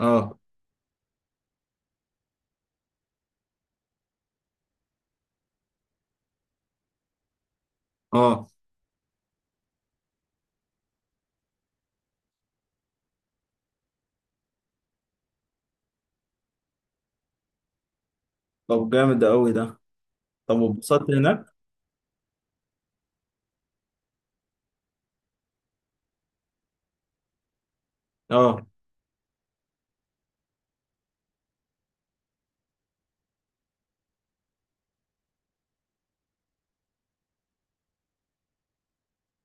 اه، اه. طب جامد ده قوي ده. طب واتبسطت هناك؟ اه.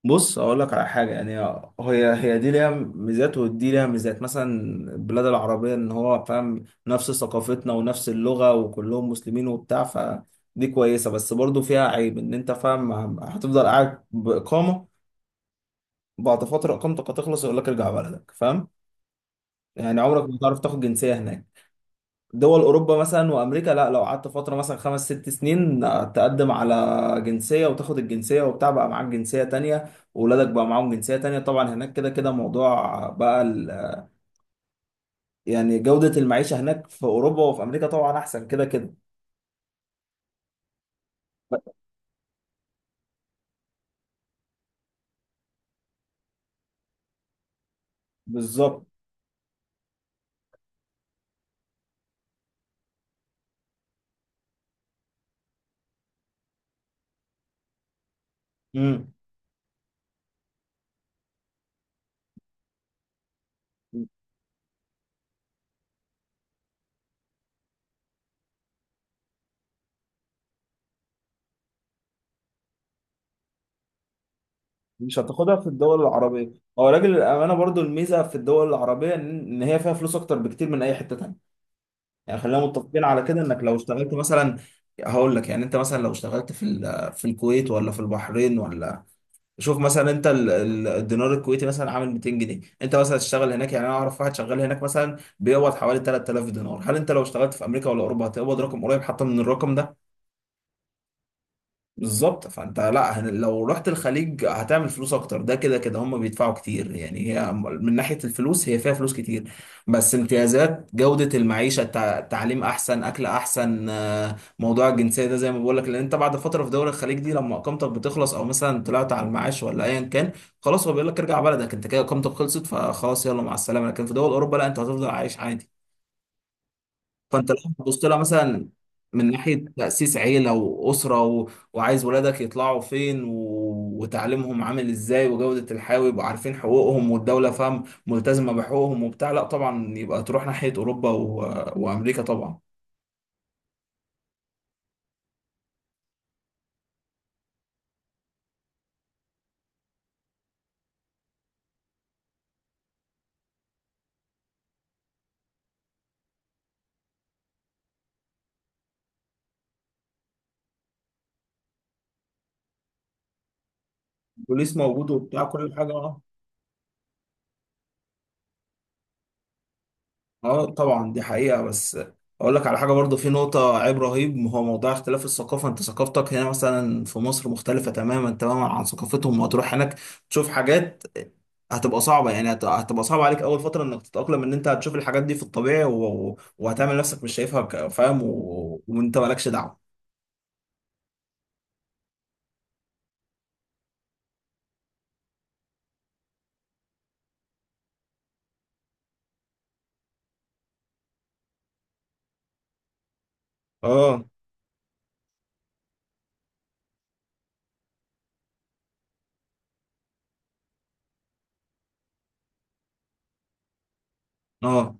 بص اقول لك على حاجه، يعني هي دي ليها ميزات ودي ليها ميزات. مثلا البلاد العربيه، ان هو فاهم نفس ثقافتنا ونفس اللغه وكلهم مسلمين وبتاع، فدي كويسه. بس برضو فيها عيب، ان انت فاهم هتفضل قاعد باقامه، بعد فتره اقامتك هتخلص يقول لك ارجع بلدك، فاهم؟ يعني عمرك ما هتعرف تاخد جنسيه هناك. دول اوروبا مثلا وامريكا لا، لو قعدت فتره مثلا 5 6 سنين تقدم على جنسيه وتاخد الجنسيه وبتاع، بقى معاك جنسيه تانية واولادك بقى معاهم جنسيه تانية. طبعا هناك كده كده موضوع بقى يعني جوده المعيشه هناك في اوروبا وفي امريكا طبعا احسن كده كده. بالظبط. امم مش هتاخدها في الدول العربيه. هو راجل الامانه برضو الميزه في الدول العربيه، ان هي فيها فلوس اكتر بكتير من اي حته تانية. يعني خلينا متفقين على كده، انك لو اشتغلت مثلا هقول لك، يعني انت مثلا لو اشتغلت في الكويت ولا في البحرين، ولا شوف مثلا انت الدينار الكويتي مثلا عامل 200 جنيه. انت مثلا تشتغل هناك، يعني انا اعرف واحد شغال هناك مثلا بيقبض حوالي 3000 دينار. هل انت لو اشتغلت في امريكا ولا اوروبا هتقبض رقم قريب حتى من الرقم ده؟ بالظبط. فانت لا، لو رحت الخليج هتعمل فلوس اكتر، ده كده كده هم بيدفعوا كتير. يعني هي من ناحية الفلوس هي فيها فلوس كتير. بس امتيازات جودة المعيشة، تعليم احسن، اكل احسن، موضوع الجنسية ده زي ما بقول لك، لان انت بعد فترة في دولة الخليج دي لما اقامتك بتخلص او مثلا طلعت على المعاش ولا ايا كان، خلاص هو بيقول لك ارجع بلدك انت كده اقامتك خلصت، فخلاص يلا مع السلامة. لكن في دول اوروبا لا، انت هتفضل عايش عادي. فانت لو بتبص لها مثلا من ناحيه تاسيس عيله واسره وعايز ولادك يطلعوا فين وتعليمهم عامل ازاي وجوده الحياه، ويبقوا عارفين حقوقهم والدوله فاهم ملتزمه بحقوقهم وبتاع، لا طبعا يبقى تروح ناحيه اوروبا وامريكا طبعا. بوليس موجود وبتاع كل حاجه، آه. اه طبعا دي حقيقة. بس اقول لك على حاجة برضو، في نقطة عيب رهيب هو موضوع اختلاف الثقافة. انت ثقافتك هنا مثلا في مصر مختلفة تماما تماما عن ثقافتهم، وهتروح هناك تشوف حاجات هتبقى صعبة. يعني هتبقى صعبة عليك اول فترة انك تتأقلم، ان انت هتشوف الحاجات دي في الطبيعي وهتعمل نفسك مش شايفها، فاهم، وانت مالكش دعوة. اه، اه،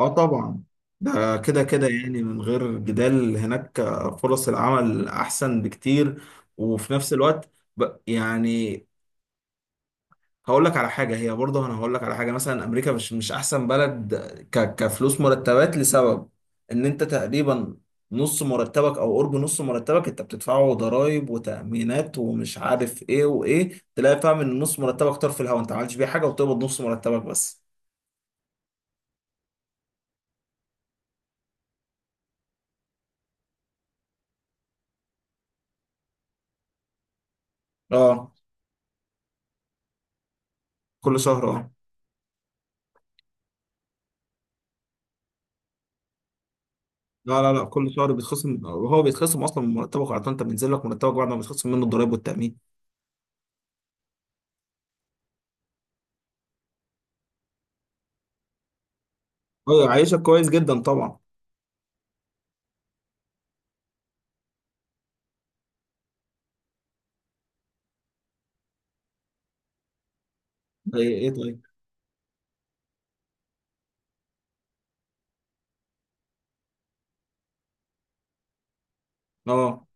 اه. طبعا ده كده كده يعني من غير جدال، هناك فرص العمل احسن بكتير. وفي نفس الوقت يعني هقول لك على حاجة. هي برضه أنا هقول لك على حاجة، مثلا أمريكا مش أحسن بلد، كفلوس مرتبات، لسبب إن أنت تقريبا نص مرتبك أو قرب نص مرتبك أنت بتدفعه ضرايب وتأمينات ومش عارف إيه وإيه. تلاقي فاهم إن نص مرتبك طار في الهوا، أنت ما عملتش بيه حاجة وبتقبض نص مرتبك بس. أه، كل شهر أه. لا، لا، لا، كل شهر بيتخصم، هو بيتخصم أصلا من مرتبك على طول، أنت بينزل لك مرتبك بعد ما بيتخصم منه الضرايب والتأمين. أه يعيشك كويس جدا طبعا. إيه إيه؟ طيب. أه.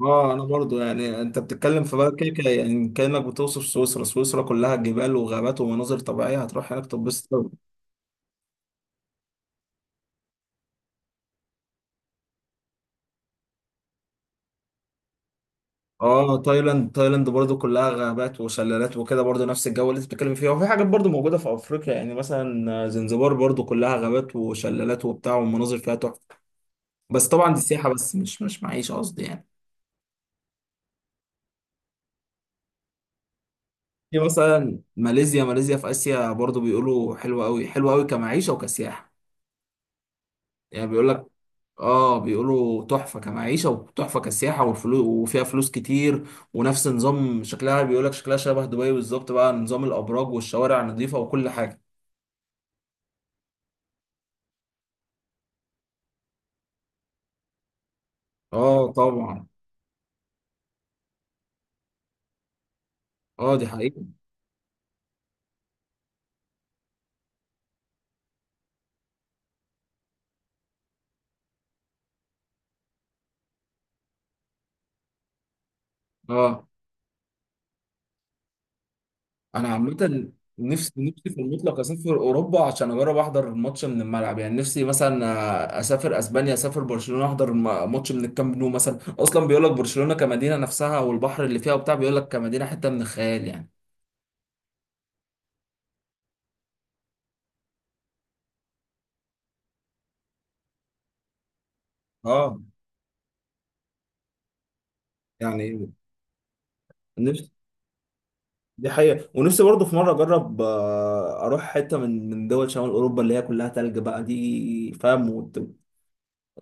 اه انا برضو، يعني انت بتتكلم في بقى كده كده، يعني كانك بتوصف سويسرا. سويسرا كلها جبال وغابات ومناظر طبيعيه، هتروح هناك تتبسط أوي. اه تايلاند. تايلاند برضو كلها غابات وشلالات وكده، برضو نفس الجو اللي انت بتتكلم فيه. وفي حاجات برضو موجوده في افريقيا، يعني مثلا زنزبار برضو كلها غابات وشلالات وبتاع والمناظر فيها تحفه. بس طبعا دي سياحه بس، مش معيشه قصدي يعني. في مثلا ماليزيا. ماليزيا في اسيا برضو، بيقولوا حلوه قوي حلوه قوي كمعيشه وكسياحه. يعني بيقول لك، اه بيقولوا تحفة كمعيشة وتحفة كسياحة، والفلوس وفيها فلوس كتير. ونفس نظام شكلها بيقولك شكلها شبه دبي بالظبط، بقى نظام الأبراج والشوارع نظيفة وكل حاجة. اه طبعا. اه دي حقيقة. اه. أنا عامة نفسي، نفسي في المطلق أسافر أوروبا عشان أجرب أحضر ماتش من الملعب. يعني نفسي مثلا أسافر أسبانيا، أسافر برشلونة أحضر ماتش من الكامب نو مثلا. أصلا بيقولك برشلونة كمدينة نفسها والبحر اللي فيها وبتاع، بيقولك كمدينة حتة من الخيال يعني. اه. يعني نفسي، دي حقيقة. ونفسي برضه في مرة أجرب، أروح حتة من دول شمال أوروبا اللي هي كلها تلج بقى دي، فاهم،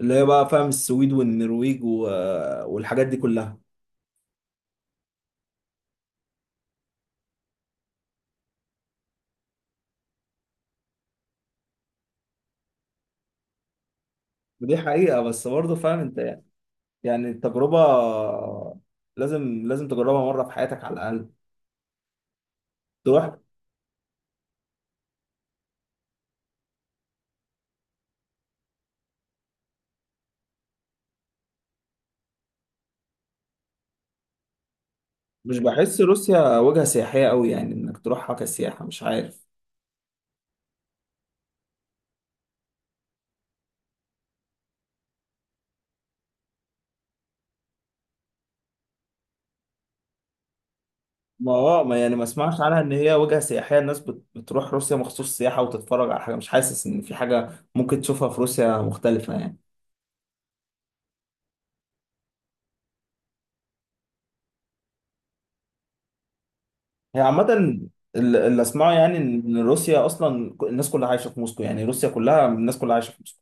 اللي هي بقى فاهم السويد والنرويج، والحاجات دي كلها. ودي حقيقة، بس برضه فاهم أنت، يعني يعني التجربة لازم لازم تجربها مرة في حياتك على الأقل. تروح. مش بحس روسيا وجهة سياحية أوي يعني، إنك تروحها كسياحة، مش عارف. ما يعني ما اسمعش عنها ان هي وجهة سياحية. الناس بتروح روسيا مخصوص سياحة وتتفرج على حاجة؟ مش حاسس ان في حاجة ممكن تشوفها في روسيا مختلفة يعني. هي عامة، اللي اسمعه يعني ان روسيا اصلا، الناس كلها عايشة في موسكو، يعني روسيا كلها الناس كلها عايشة في موسكو.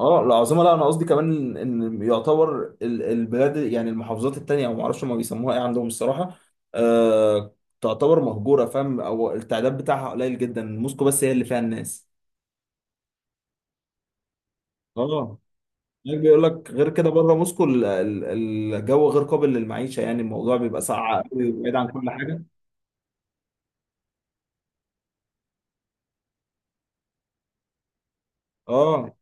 اه العاصمة. لا انا قصدي كمان ان يعتبر البلاد، يعني المحافظات التانية، او ما اعرفش ما بيسموها ايه عندهم الصراحة، آه تعتبر مهجورة فاهم، او التعداد بتاعها قليل جدا، موسكو بس هي اللي فيها الناس. اه. يعني بيقول لك غير كده بره موسكو الجو غير قابل للمعيشه، يعني الموضوع بيبقى ساقع قوي وبعيد عن كل حاجه. اه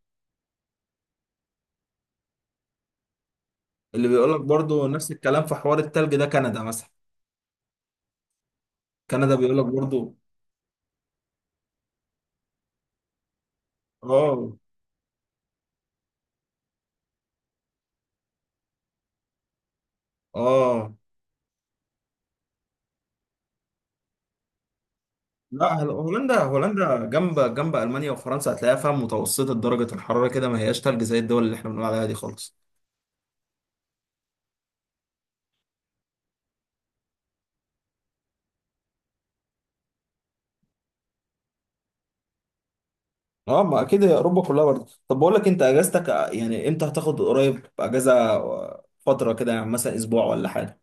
اللي بيقول لك برضو نفس الكلام في حوار التلج ده، كندا مثلا. كندا بيقول لك برضو. اه. اه لا، هولندا. هولندا جنب جنب المانيا وفرنسا، هتلاقيها فيها متوسطه درجه الحراره كده، ما هياش تلج زي الدول اللي احنا بنقول عليها دي خالص. اه ما اكيد هي اوروبا كلها برضه. طب بقول لك، انت اجازتك يعني امتى هتاخد؟ قريب اجازه، فتره كده، يعني مثلا اسبوع ولا حاجه؟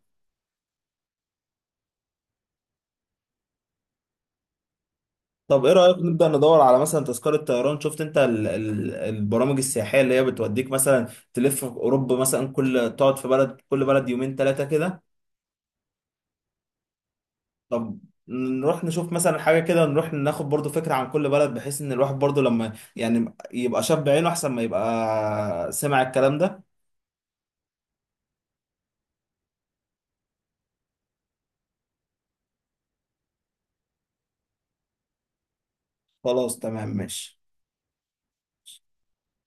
طب ايه رأيك نبدأ ندور على مثلا تذكرة طيران؟ شفت انت ال ال البرامج السياحية اللي هي بتوديك مثلا تلف في اوروبا مثلا، كل تقعد في بلد، كل بلد يومين 3 كده. طب نروح نشوف مثلا حاجة كده، نروح ناخد برضو فكرة عن كل بلد، بحيث ان الواحد برضو لما يعني يبقى شاب عينه احسن ما يبقى سمع الكلام ده. خلاص تمام ماشي.